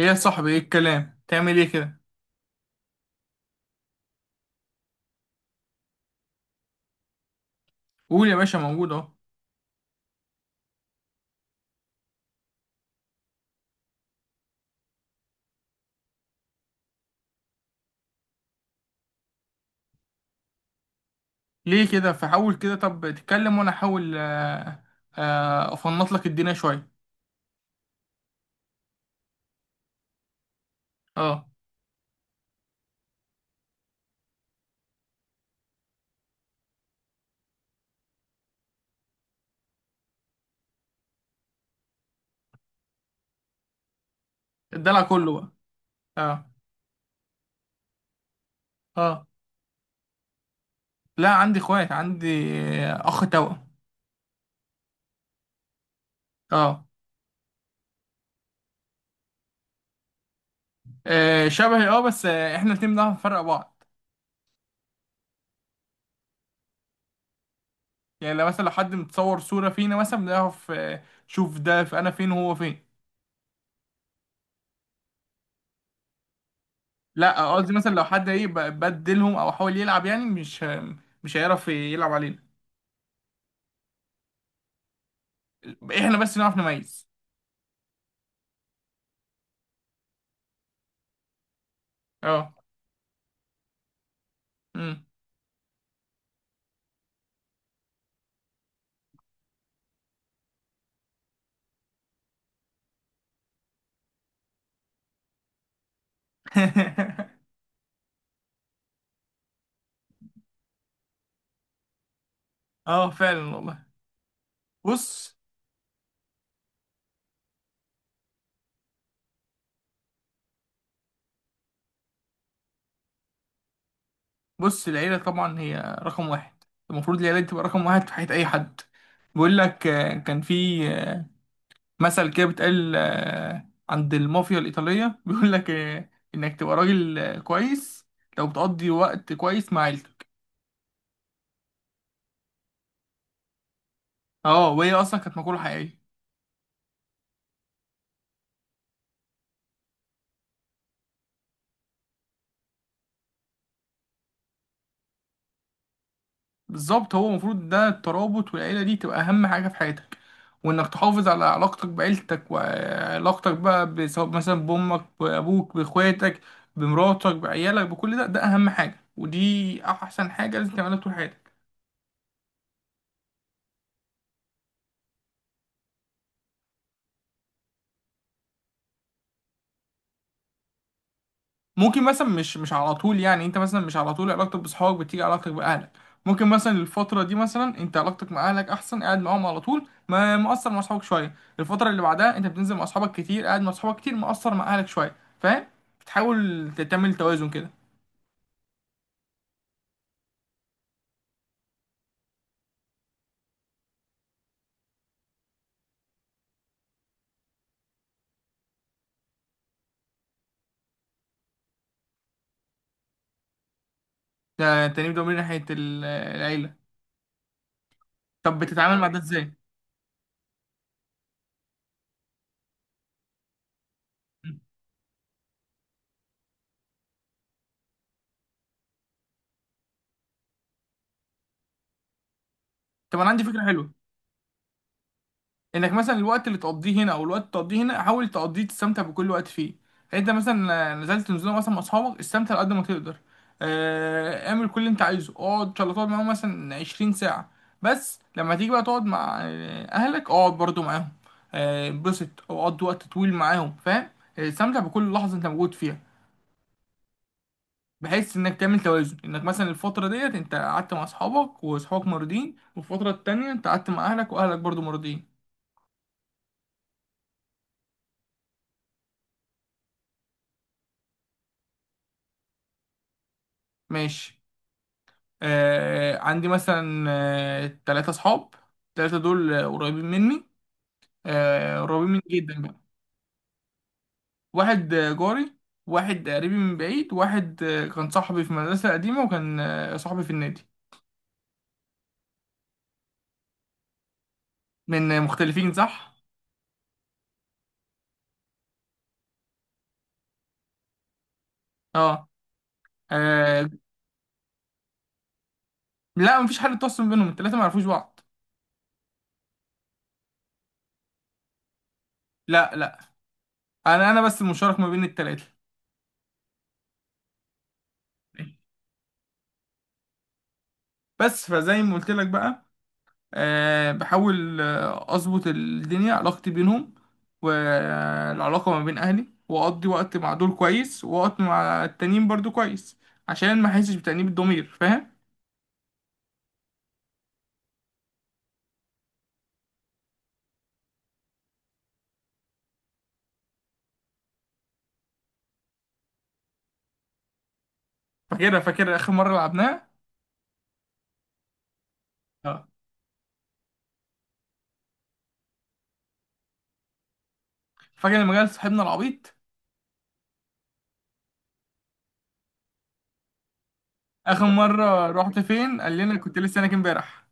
ايه يا صاحبي، ايه الكلام؟ تعمل ايه كده؟ قول يا باشا، موجود اهو. ليه كده؟ فحاول كده، طب تتكلم وانا احاول. افنط لك الدنيا شويه. اه، الدلع كله بقى. اه. اه، لا عندي اخوات، عندي اخ توأم. اه. شبهي، اه، بس احنا الاتنين بنعرف نفرق بعض. يعني لو مثلا لو حد متصور صوره فينا مثلا بنعرف، شوف ده، في انا فين وهو فين. لا، قصدي مثلا لو حد ايه، بدلهم او حاول يلعب، يعني مش هيعرف يلعب علينا. احنا بس نعرف نميز. اه. امم. اه فعلا والله. بص. بص، العيلة طبعا هي رقم واحد. المفروض العيلة دي تبقى رقم واحد في حياة أي حد. بيقول لك، آه، كان في آه، مثل كده بيتقال عند المافيا الإيطالية، بيقول لك إنك تبقى راجل كويس لو بتقضي وقت كويس مع عيلتك. اه، وهي أصلا كانت مقولة حقيقية. بالظبط، هو المفروض ده الترابط، والعيلة دي تبقى أهم حاجة في حياتك، وانك تحافظ على علاقتك بعيلتك، وعلاقتك بقى بسواء مثلا بامك، بابوك، باخواتك، بمراتك، بعيالك، بكل ده. ده اهم حاجه، ودي احسن حاجه لازم تعملها طول حياتك. ممكن مثلا، مش على طول، يعني انت مثلا مش على طول علاقتك باصحابك بتيجي علاقتك باهلك. ممكن مثلا الفتره دي مثلا انت علاقتك مع اهلك احسن، قاعد معاهم على طول، ما مقصر مع اصحابك شويه. الفتره اللي بعدها انت بتنزل مع اصحابك كتير، قاعد مع اصحابك كتير، مقصر مع اهلك شويه، فاهم؟ بتحاول تعمل توازن كده. ده تاني، ده من ناحيه العيله. طب بتتعامل مع ده ازاي؟ مم. طب انا عندي فكره حلوه، انك مثلا الوقت اللي تقضيه هنا او الوقت اللي تقضيه هنا، حاول تقضيه، تستمتع بكل وقت فيه. يعني انت مثلا نزلت نزوله مثلا مع اصحابك، استمتع على قد ما تقدر، اعمل كل اللي انت عايزه، اقعد ان شاء الله تقعد معاهم مثلا 20 ساعه. بس لما تيجي بقى تقعد مع اهلك، اقعد برضو معاهم، انبسط او قضي وقت طويل معاهم، فاهم؟ استمتع بكل لحظه انت موجود فيها. بحيث انك تعمل توازن، انك مثلا الفتره ديت انت قعدت مع اصحابك واصحابك مرضين، والفتره التانية انت قعدت مع اهلك واهلك برضو مرضين. ماشي. عندي مثلا تلاتة اصحاب. التلاتة دول قريبين مني، آه قريبين مني جدا بقى. واحد جاري، واحد قريبي من بعيد، واحد كان صاحبي في مدرسة قديمة، وكان صاحبي في النادي. من مختلفين، صح. اه. آه، لا مفيش حد تواصل بينهم، التلاتة معرفوش بعض. لا، لا. انا بس المشترك ما بين التلاتة. بس فزي ما قلت لك بقى، بحاول اظبط الدنيا علاقتي بينهم، والعلاقه ما بين اهلي، واقضي وقت مع دول كويس ووقت مع التانيين برضو كويس، عشان ما احسش بتأنيب الضمير، فاهم؟ فاكرها، فاكر اخر مره لعبناها. اه. فاكر لما جالس صاحبنا العبيط، اخر مره رحت فين؟ قال لنا كنت لسه هناك امبارح.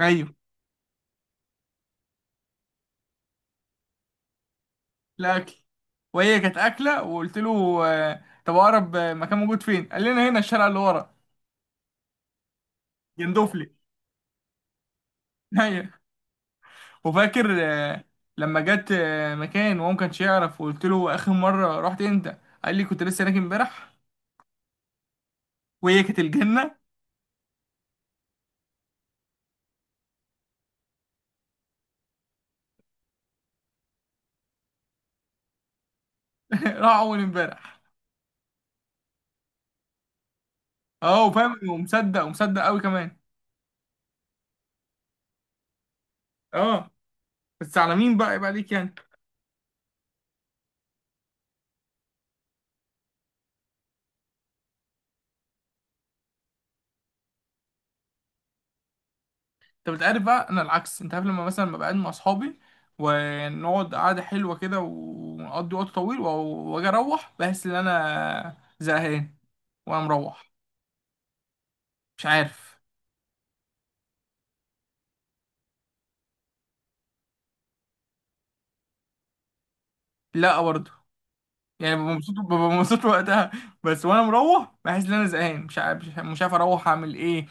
ايوه، الاكل، وهي كانت اكله وقلت له، طب اقرب مكان موجود فين؟ قال لنا هنا الشارع اللي ورا. جندوفلي. وفاكر لما جت مكان وهو ما كانش يعرف، وقلت له اخر مره رحت امتى؟ قال لي كنت لسه هناك امبارح. وهي كانت الجنه. راح اول امبارح. اه، وفاهم ومصدق ومصدق قوي كمان. اه، بس على مين بقى؟ يبقى عليك يعني. انت بتعرف بقى، انا العكس، انت عارف، لما مثلا ببقى قاعد مع اصحابي، ونقعد قعده حلوه كده ونقضي وقت طويل واجي اروح بحس ان انا زهقان وانا مروح. مش عارف. لا برضه، يعني ببقى مبسوط، ببقى مبسوط وقتها. بس وانا مروح بحس ان انا زهقان، مش عارف، مش عارف اروح اعمل ايه،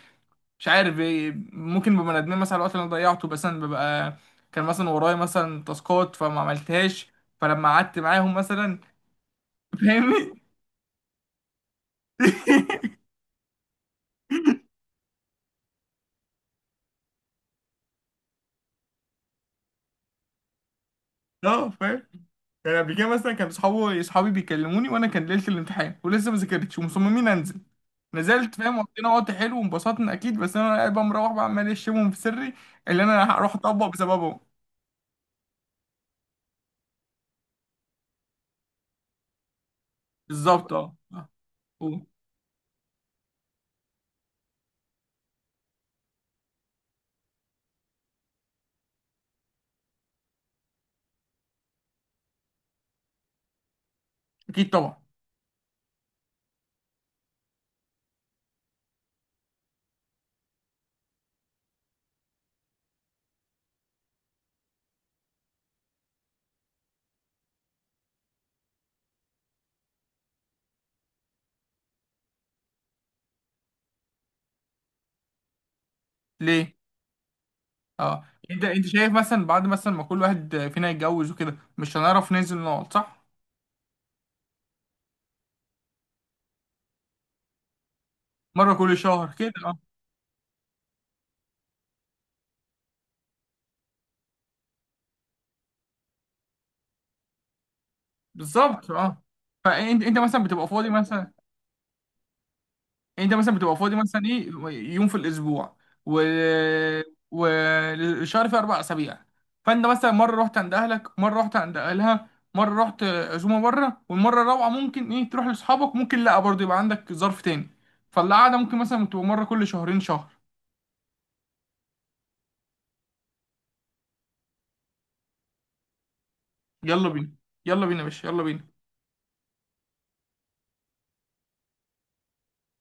مش عارف إيه. ممكن ببقى ندمان مثلا على الوقت اللي انا ضيعته، بس انا ببقى كان مثلا ورايا مثلا تاسكات فما عملتهاش، فلما قعدت معاهم مثلا، فاهمني. اه فاهم. يعني قبل كده مثلا كان صحابي، صحابي بيكلموني وانا كان ليله الامتحان ولسه ما ذاكرتش ومصممين انزل، نزلت فاهم، وقضينا وقت حلو وانبسطنا اكيد، بس انا قاعد بقى مروح بقى عمال اشتمهم في سري، اللي انا هروح اطبق بسببهم. بالظبط اه، قول. اكيد طبعا. ليه؟ اه، انت شايف مثلا بعد مثلا ما كل واحد فينا يتجوز وكده مش هنعرف ننزل نقعد، صح؟ مره كل شهر كده، اه، بالظبط اه. فانت مثلا بتبقى فاضي مثلا، يعني انت مثلا بتبقى فاضي مثلا ايه، يوم في الاسبوع. و والشهر فيه 4 اسابيع، فانت مثلا مره رحت عند اهلك، مره رحت عند اهلها، مره رحت عزومه بره، والمره الرابعه ممكن ايه تروح لاصحابك، ممكن لا برضه يبقى عندك ظرف تاني، فالقعده ممكن مثلا بتبقى مره كل شهرين شهر. يلا بينا. يلا بينا يا باشا، يلا بينا.